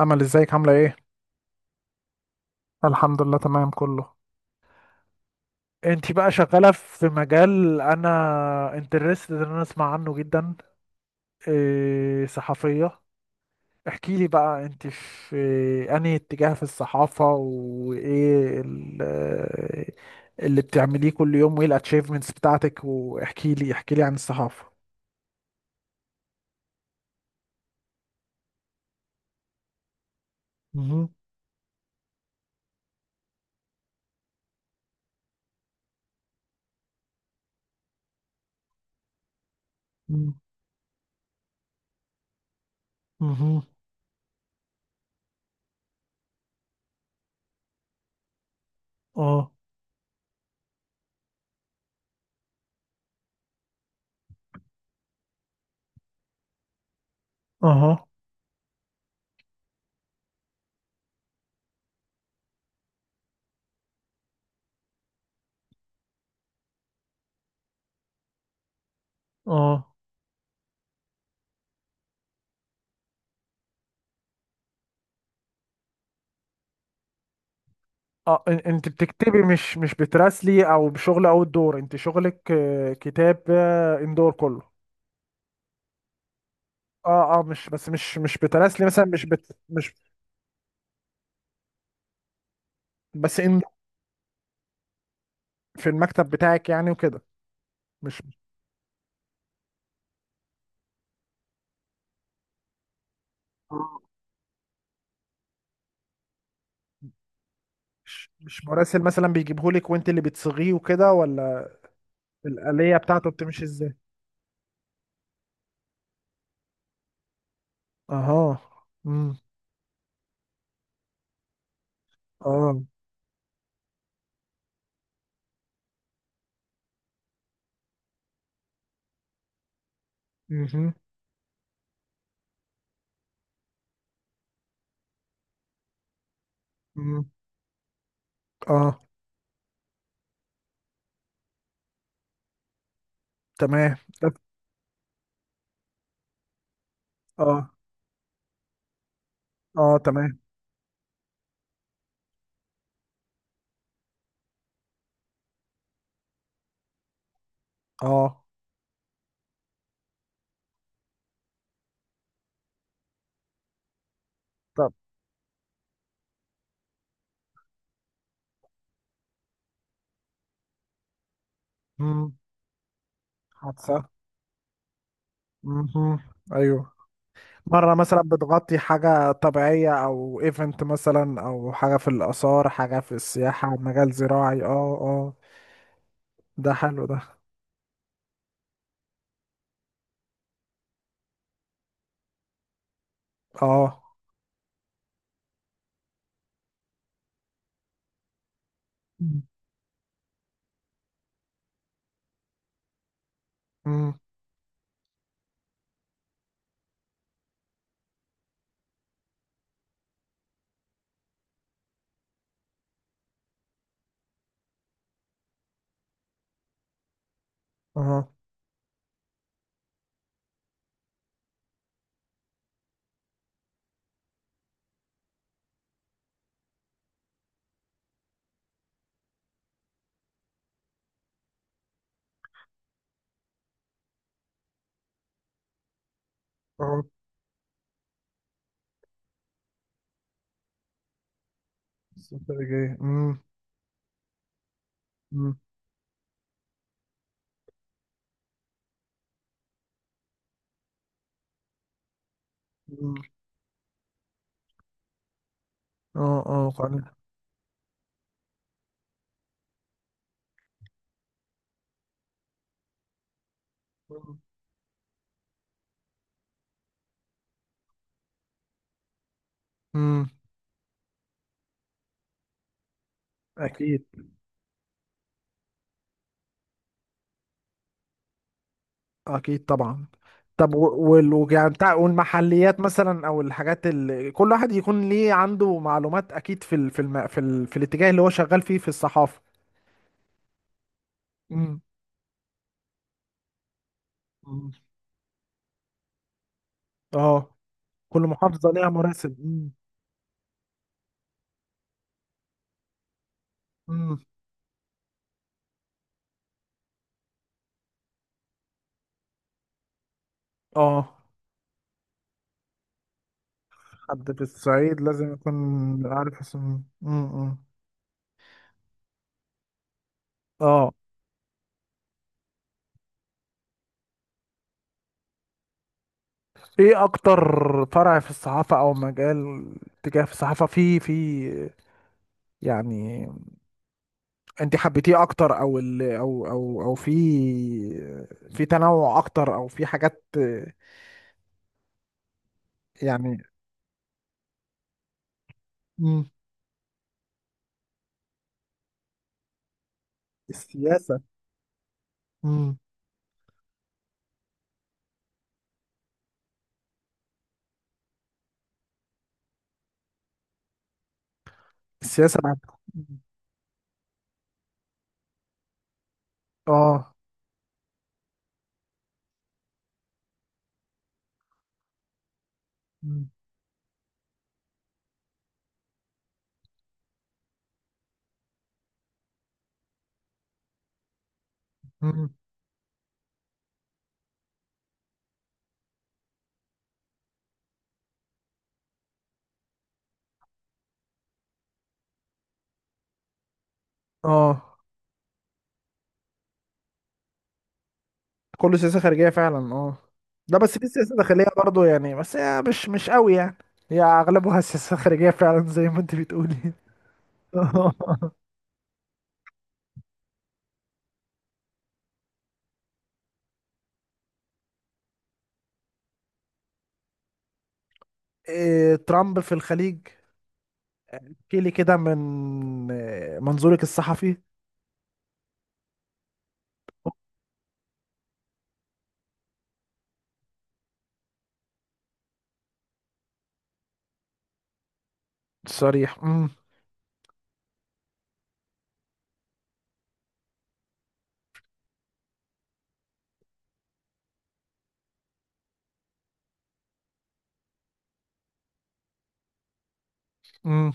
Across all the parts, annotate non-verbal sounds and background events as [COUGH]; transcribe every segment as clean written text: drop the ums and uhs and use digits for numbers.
امل، ازيك؟ عامله ايه؟ الحمد لله، تمام كله. انتي بقى شغاله في مجال انا انترستد ان انا اسمع عنه جدا. إيه، صحفيه؟ احكي لي بقى، انتي في انهي اتجاه في الصحافه؟ وايه اللي بتعمليه كل يوم؟ وايه الاتشيفمنتس بتاعتك؟ واحكي لي احكي لي عن الصحافه. مهم. مهم. مهم. اه. اها. اه. اه. انت بتكتبي، مش بتراسلي او بشغل اوت دور، انت شغلك كتاب اندور كله. اه، اه، مش بس مش بتراسلي مثلا، مش بت مش بس ان في المكتب بتاعك يعني وكده، مش مش مراسل مثلا بيجيبهولك وانت اللي بتصيغيه وكده، ولا؟ الآلية بتاعته بتمشي ازاي؟ اها. امم. اه. امم. امم. اه. تمام. طب. اه، اه، تمام، اه. طب. امم. حادثة. امم. ايوه. مرة مثلا بتغطي حاجة طبيعية أو ايفنت مثلا، أو حاجة في الآثار، حاجة في السياحة، مجال زراعي، اه، اه. ده حلو ده. اه. امم. اه. اه. استراتيجية. امم. امم. أمم. اه. اه. قانون. امم. أكيد. أكيد طبعا. طب، يعني بتاع، والمحليات مثلا أو الحاجات اللي كل واحد يكون ليه عنده معلومات أكيد في ال في الم... في, ال... في الاتجاه اللي هو شغال فيه في الصحافة؟ امم. أمم. اه. كل محافظة ليها مراسم. مم. مم. اه، حد في الصعيد لازم يكون عارف اسمه. مم. اه، ايه اكتر فرع في الصحافة او مجال، تجاه في الصحافة، في يعني انت حبيتيه اكتر؟ او في في تنوع اكتر او في حاجات، يعني. مم. السياسة. مم. السياسة بعد. مم. اه. مم. مم. اه، كله سياسة خارجية فعلا، اه. لا بس في سياسة داخلية برضو، يعني بس هي مش قوي، يعني. هي اغلبها [LAUGHS] سياسة خارجية فعلا، زي ما انت بتقولي. [LAUGHS] إيه، ترامب في الخليج؟ احكي لي كده من منظورك الصحفي. الصريح. امم. امم،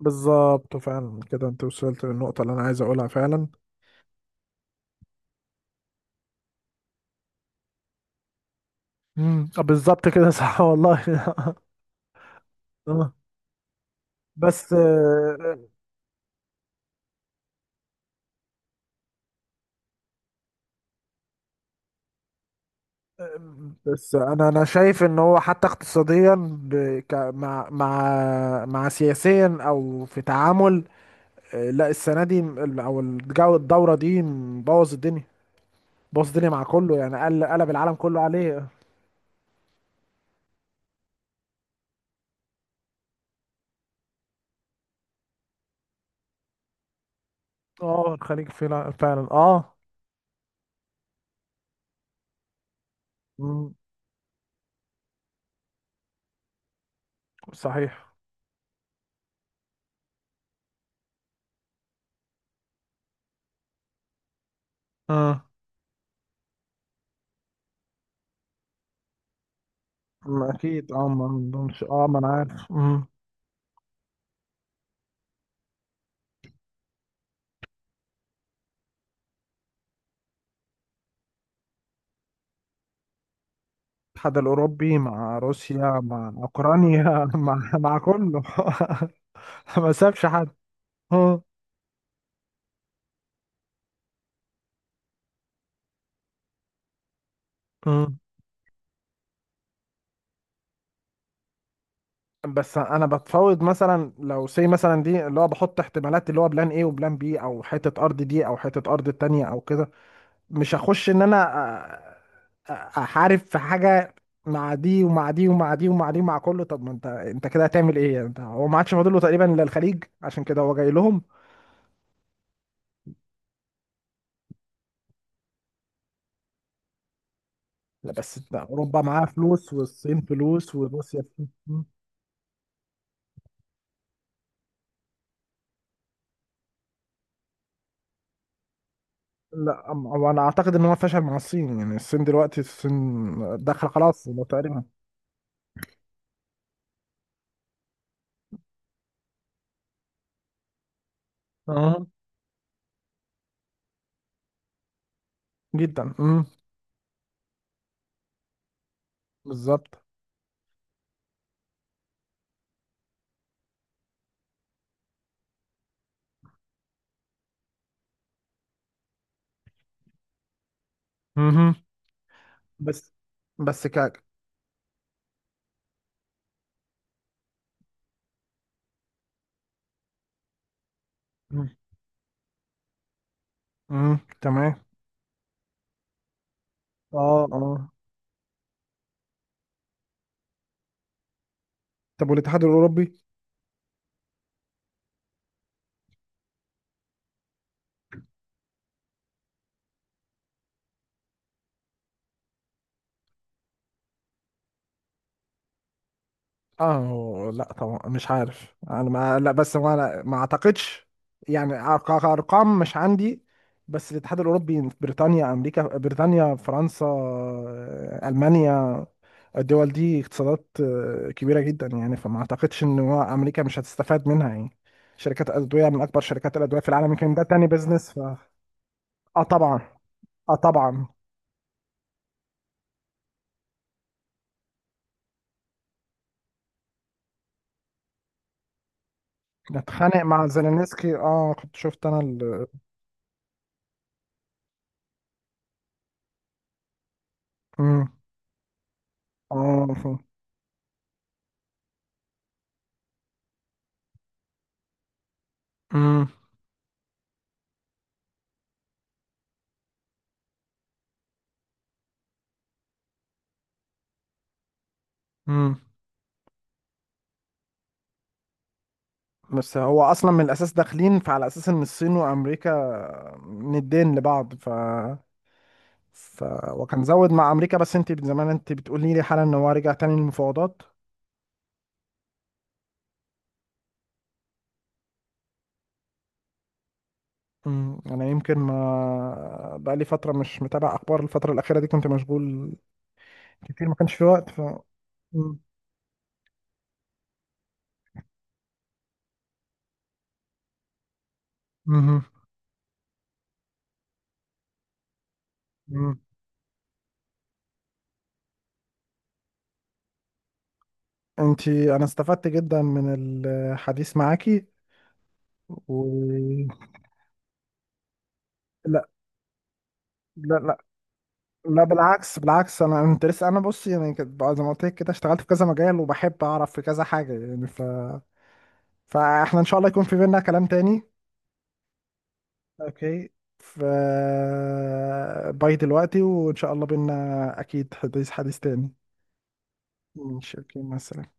بالظبط فعلا كده، انت وصلت للنقطة اللي انا عايز اقولها فعلا. امم، بالظبط كده، صح والله. [LAUGHS] آه. بس، بس انا شايف ان هو حتى اقتصاديا، ب... ك... مع مع مع سياسيا او في تعامل. لا السنه دي، او الجو الدوره دي، مبوظ الدنيا. بوظ الدنيا مع كله، يعني قلب العالم كله عليه. اه، الخليج فعلا فعلا، اه. مم، صحيح. اه. مم، اكيد. اه، ما عندهمش، اه، ما انا عارف. مم. الاتحاد الاوروبي، مع روسيا، مع اوكرانيا، [LAUGHS] مع كله. [LAUGHS] ما سابش حد. اه، بس انا بتفاوض مثلا، لو سي مثلا دي اللي هو بحط احتمالات، اللي هو بلان ايه وبلان بي، او حته ارض دي او حته ارض التانية، او كده. مش هخش ان انا أ- احارب في حاجه، مع دي ومع دي ومع دي ومع دي ومع كله. طب ما انت كده هتعمل ايه يعني؟ انت هو ما عادش فاضل له تقريبا الا الخليج، عشان كده هو جاي لهم. لا بس ده، اوروبا معاها فلوس والصين فلوس وروسيا فلوس. لا هو انا اعتقد ان هو فشل مع الصين، يعني الصين دلوقتي، الصين داخله خلاص تقريبا. اه، جدا. بالظبط. مهم. بس بس كعك. مم. مم. تمام. اه. اه. طب، والاتحاد الاوروبي؟ اه، لا طبعا مش عارف انا، ما لا بس ما أنا ما اعتقدش، يعني ارقام مش عندي. بس الاتحاد الاوروبي، بريطانيا، امريكا، بريطانيا، فرنسا، المانيا، الدول دي اقتصادات كبيره جدا، يعني فما اعتقدش ان هو امريكا مش هتستفاد منها، يعني. شركات ادويه من اكبر شركات الادويه في العالم، يمكن ده تاني بيزنس. ف اه طبعا. اه طبعا. اتخانق مع زيلينسكي، اه، كنت شفت انا ال... امم. اه. امم. امم. بس هو اصلا من الاساس داخلين، فعلى اساس ان الصين وامريكا ندين لبعض. ف وكان زود مع امريكا، بس انت زمان، انت بتقولي لي حالا ان هو رجع تاني للمفاوضات. امم، انا يمكن ما بقى لي فتره مش متابع اخبار، الفتره الاخيره دي كنت مشغول كتير، ما كانش في وقت. ف امم، انا استفدت جدا من الحديث معاكي، و لا لا لا لا، بالعكس بالعكس، انا انت لسه انا بصي يعني، كنت بقى زي ما قلت لك كده، اشتغلت في كذا مجال وبحب اعرف في كذا حاجه، يعني. ف فاحنا ان شاء الله يكون في بينا كلام تاني. اوكي. ف باي دلوقتي، وان شاء الله بينا اكيد حديث تاني. ماشي، اوكي، مثلا.